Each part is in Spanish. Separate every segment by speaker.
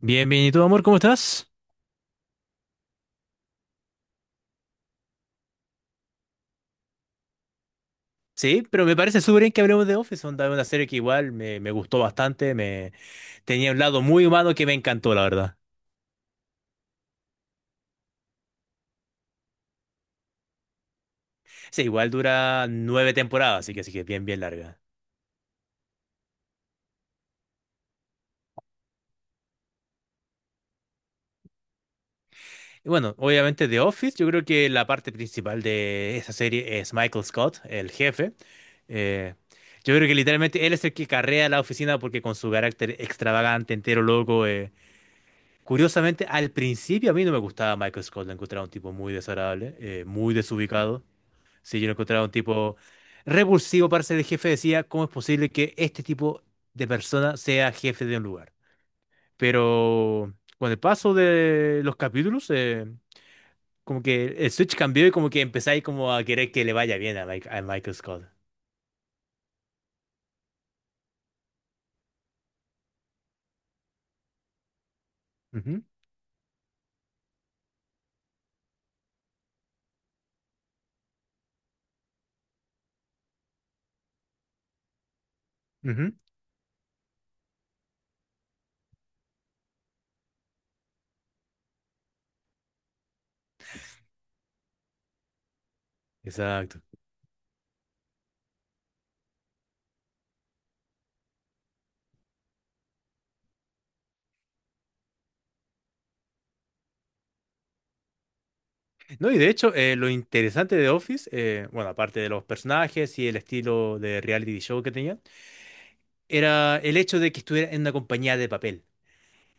Speaker 1: Bien, bien. ¿Y tú, amor, cómo estás? Sí, pero me parece súper bien que hablemos de Office, onda, una serie que igual me gustó bastante, me tenía un lado muy humano que me encantó, la verdad. Sí, igual dura 9 temporadas, así que bien, bien larga. Y bueno, obviamente de Office, yo creo que la parte principal de esa serie es Michael Scott, el jefe. Eh, yo creo que literalmente él es el que carrea la oficina porque con su carácter extravagante, entero, loco. Curiosamente, al principio a mí no me gustaba Michael Scott, lo encontraba un tipo muy desagradable, muy desubicado. Sí, yo lo encontraba un tipo repulsivo para ser el jefe. Decía, ¿cómo es posible que este tipo de persona sea jefe de un lugar? Pero con el paso de los capítulos, como que el switch cambió y como que empezáis como a querer que le vaya bien a Michael Scott. Ujú, ujú, exacto. No, y de hecho, lo interesante de Office, bueno, aparte de los personajes y el estilo de reality show que tenía, era el hecho de que estuviera en una compañía de papel.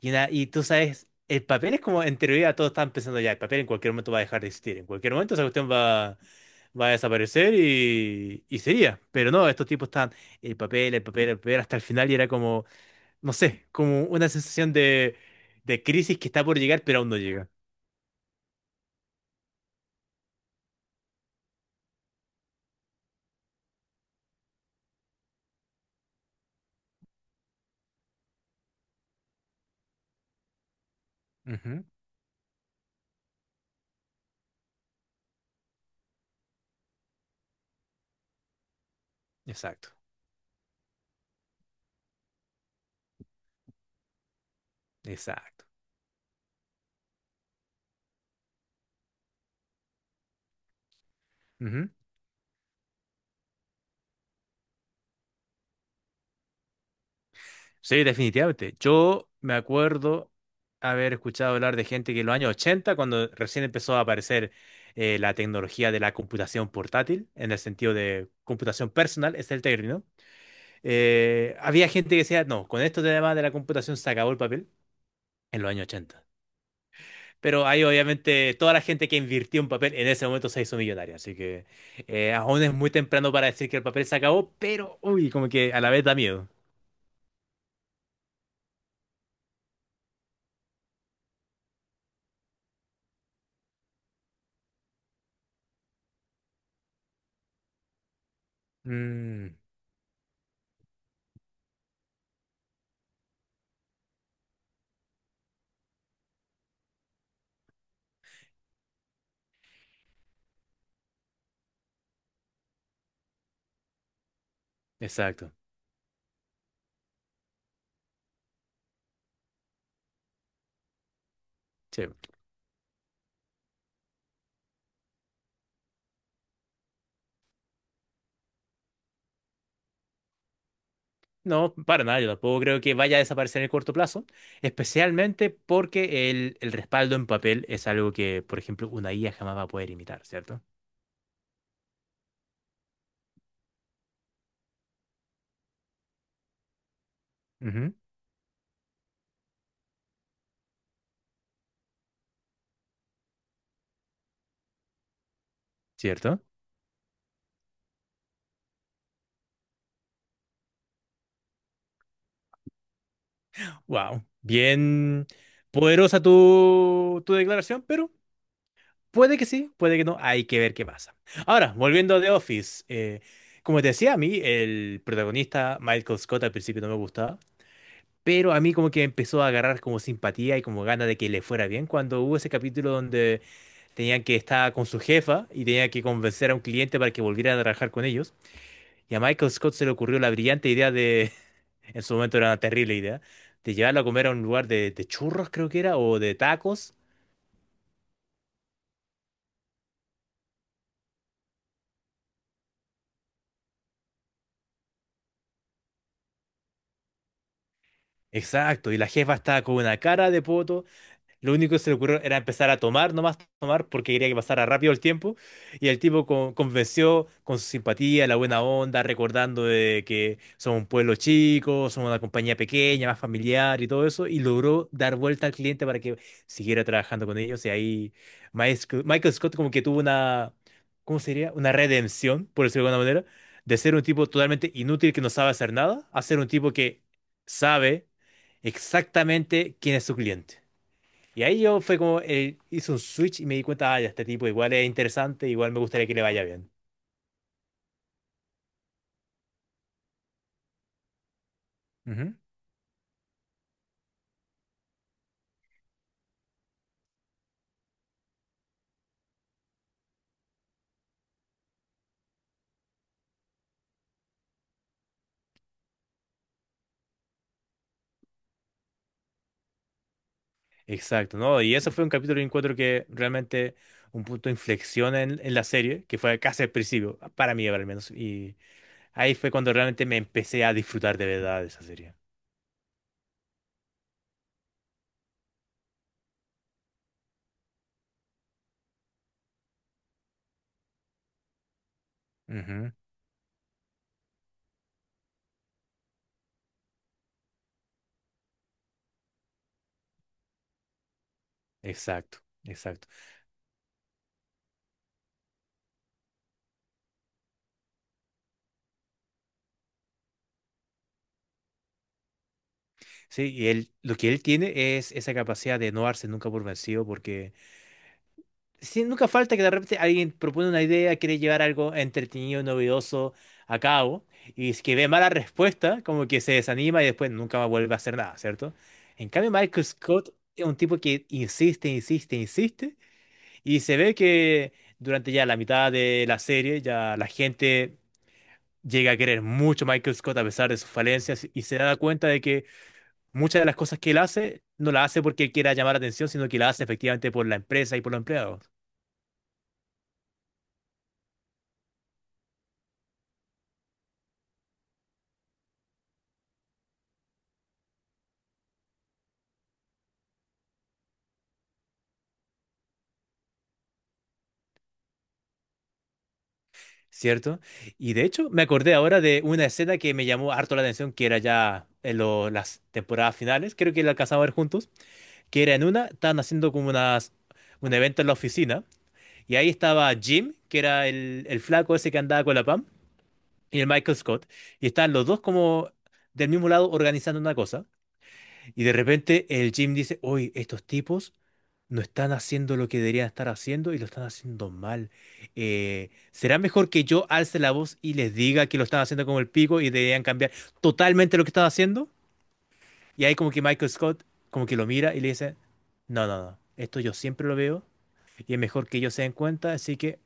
Speaker 1: Y tú sabes, el papel es como, en teoría todos estaban pensando ya, el papel en cualquier momento va a dejar de existir, en cualquier momento esa cuestión va a desaparecer y sería. Pero no, estos tipos están el papel, el papel, el papel, hasta el final y era como, no sé, como una sensación de crisis que está por llegar, pero aún no llega. Ujú, exacto, exacto. Sí, definitivamente. Yo me acuerdo haber escuchado hablar de gente que en los años 80, cuando recién empezó a aparecer la tecnología de la computación portátil, en el sentido de computación personal, es el término, había gente que decía, no, con esto además de la computación se acabó el papel en los años 80. Pero ahí obviamente toda la gente que invirtió en papel en ese momento se hizo millonaria, así que aún es muy temprano para decir que el papel se acabó, pero uy, como que a la vez da miedo. Mm, exacto. Sí. No, para nada, yo tampoco creo que vaya a desaparecer en el corto plazo, especialmente porque el respaldo en papel es algo que, por ejemplo, una IA jamás va a poder imitar, ¿cierto? Ujú, ¿cierto? Wow, bien poderosa tu declaración, pero puede que sí, puede que no, hay que ver qué pasa. Ahora, volviendo a The Office, como te decía, a mí el protagonista Michael Scott al principio no me gustaba. Pero a mí como que empezó a agarrar como simpatía y como gana de que le fuera bien cuando hubo ese capítulo donde tenían que estar con su jefa y tenían que convencer a un cliente para que volviera a trabajar con ellos. Y a Michael Scott se le ocurrió la brillante idea en su momento era una terrible idea, de llevarlo a comer a un lugar de churros, creo que era, o de tacos. Exacto, y la jefa estaba con una cara de poto. Lo único que se le ocurrió era empezar a tomar, nomás tomar, porque quería que pasara rápido el tiempo. Y el tipo convenció con su simpatía, la buena onda, recordando de que son un pueblo chico, son una compañía pequeña, más familiar y todo eso. Y logró dar vuelta al cliente para que siguiera trabajando con ellos. Y ahí Michael Scott como que tuvo una, ¿cómo sería? Una redención, por decirlo de alguna manera, de ser un tipo totalmente inútil que no sabe hacer nada, a ser un tipo que sabe exactamente quién es su cliente. Y ahí yo fue como, hice un switch y me di cuenta, ah, ya, este tipo igual es interesante, igual me gustaría que le vaya bien. Ujú. Exacto, ¿no? Y eso fue un capítulo de encuentro que realmente un punto de inflexión en la serie, que fue casi al principio, para mí al menos. Y ahí fue cuando realmente me empecé a disfrutar de verdad de esa serie. Ujú. Exacto, exacto. Sí, y él, lo que él tiene es esa capacidad de no darse nunca por vencido, porque sí, nunca falta que de repente alguien propone una idea, quiere llevar algo entretenido, novedoso a cabo, y es que ve mala respuesta, como que se desanima y después nunca más vuelve a hacer nada, ¿cierto? En cambio, Michael Scott es un tipo que insiste, insiste, insiste, y se ve que durante ya la mitad de la serie ya la gente llega a querer mucho a Michael Scott a pesar de sus falencias y se da cuenta de que muchas de las cosas que él hace no las hace porque él quiera llamar la atención, sino que las hace efectivamente por la empresa y por los empleados. ¿Cierto? Y de hecho, me acordé ahora de una escena que me llamó harto la atención, que era ya en las temporadas finales, creo que la alcanzamos a ver juntos, que era en una, estaban haciendo como unas, un evento en la oficina, y ahí estaba Jim, que era el flaco ese que andaba con la Pam, y el Michael Scott, y estaban los dos como del mismo lado organizando una cosa. Y de repente el Jim dice, oye, estos tipos no están haciendo lo que deberían estar haciendo y lo están haciendo mal. ¿Será mejor que yo alce la voz y les diga que lo están haciendo como el pico y deberían cambiar totalmente lo que están haciendo? Y ahí como que Michael Scott como que lo mira y le dice, no, no, no, esto yo siempre lo veo y es mejor que ellos se den cuenta, así que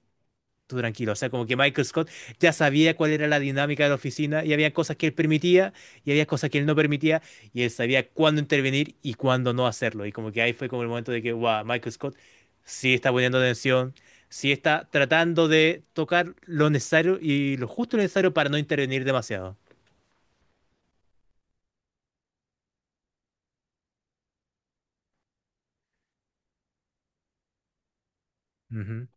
Speaker 1: tú tranquilo. O sea, como que Michael Scott ya sabía cuál era la dinámica de la oficina y había cosas que él permitía y había cosas que él no permitía y él sabía cuándo intervenir y cuándo no hacerlo. Y como que ahí fue como el momento de que, wow, Michael Scott sí está poniendo atención, sí está tratando de tocar lo necesario y lo justo y necesario para no intervenir demasiado. Ujú,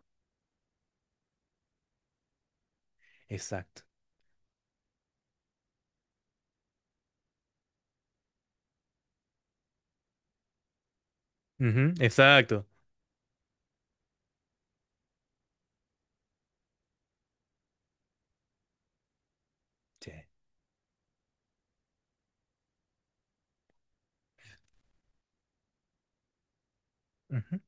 Speaker 1: exacto. Ujú, exacto. Sí. Ujú.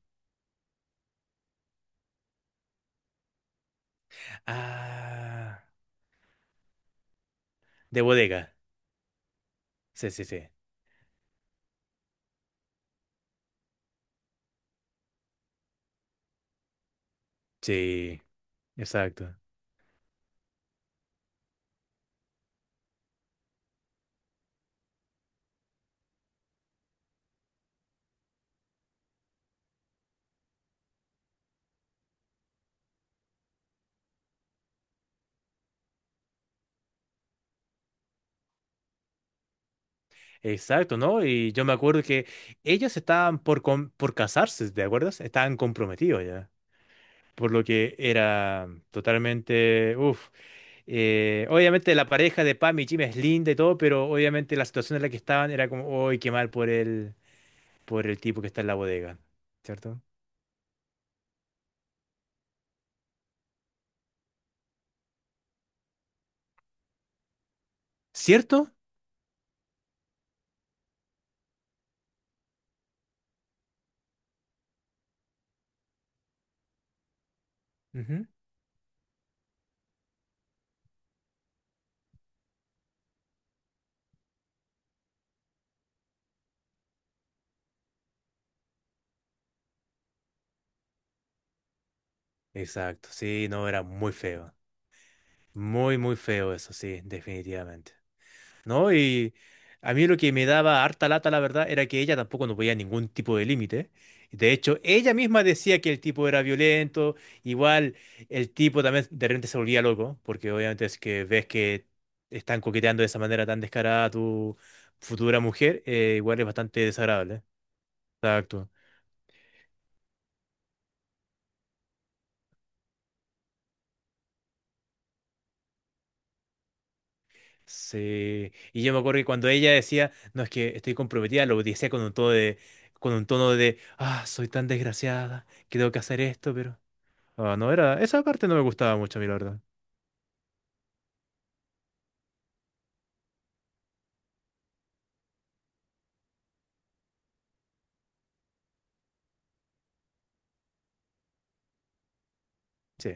Speaker 1: Ah, de bodega. Sí, sí, sí. Sí, exacto. Exacto, ¿no? Y yo me acuerdo que ellos estaban por casarse, ¿te acuerdas? Estaban comprometidos ya. Por lo que era totalmente, uff. Obviamente la pareja de Pam y Jim es linda y todo, pero obviamente la situación en la que estaban era como, uy, qué mal por el tipo que está en la bodega, ¿cierto? ¿Cierto? Ujú. Exacto, sí, no, era muy feo. Muy, muy feo eso, sí, definitivamente. ¿No? Y a mí lo que me daba harta lata, la verdad, era que ella tampoco no veía ningún tipo de límite. De hecho, ella misma decía que el tipo era violento, igual el tipo también de repente se volvía loco, porque obviamente es que ves que están coqueteando de esa manera tan descarada a tu futura mujer, igual es bastante desagradable. Exacto. Sí. Y yo me acuerdo que cuando ella decía, no, es que estoy comprometida, lo decía con un tono de, con un tono de, ah, soy tan desgraciada, que tengo que hacer esto, pero ah, no era. Esa parte no me gustaba mucho a mí, la verdad. Sí,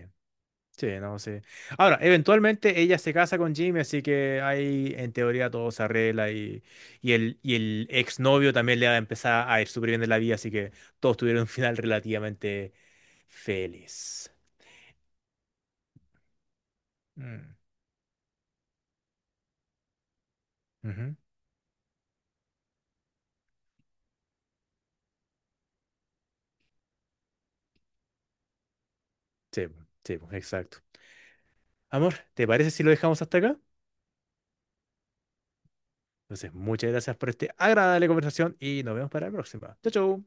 Speaker 1: sí, no, sí. Ahora, eventualmente ella se casa con Jimmy, así que ahí en teoría todo se arregla y el exnovio también le va a empezar a ir súper bien en la vida, así que todos tuvieron un final relativamente feliz. Mm, ujú. Sí, po, exacto. Amor, ¿te parece si lo dejamos hasta acá? Entonces, muchas gracias por esta agradable conversación y nos vemos para la próxima. Chau, chau.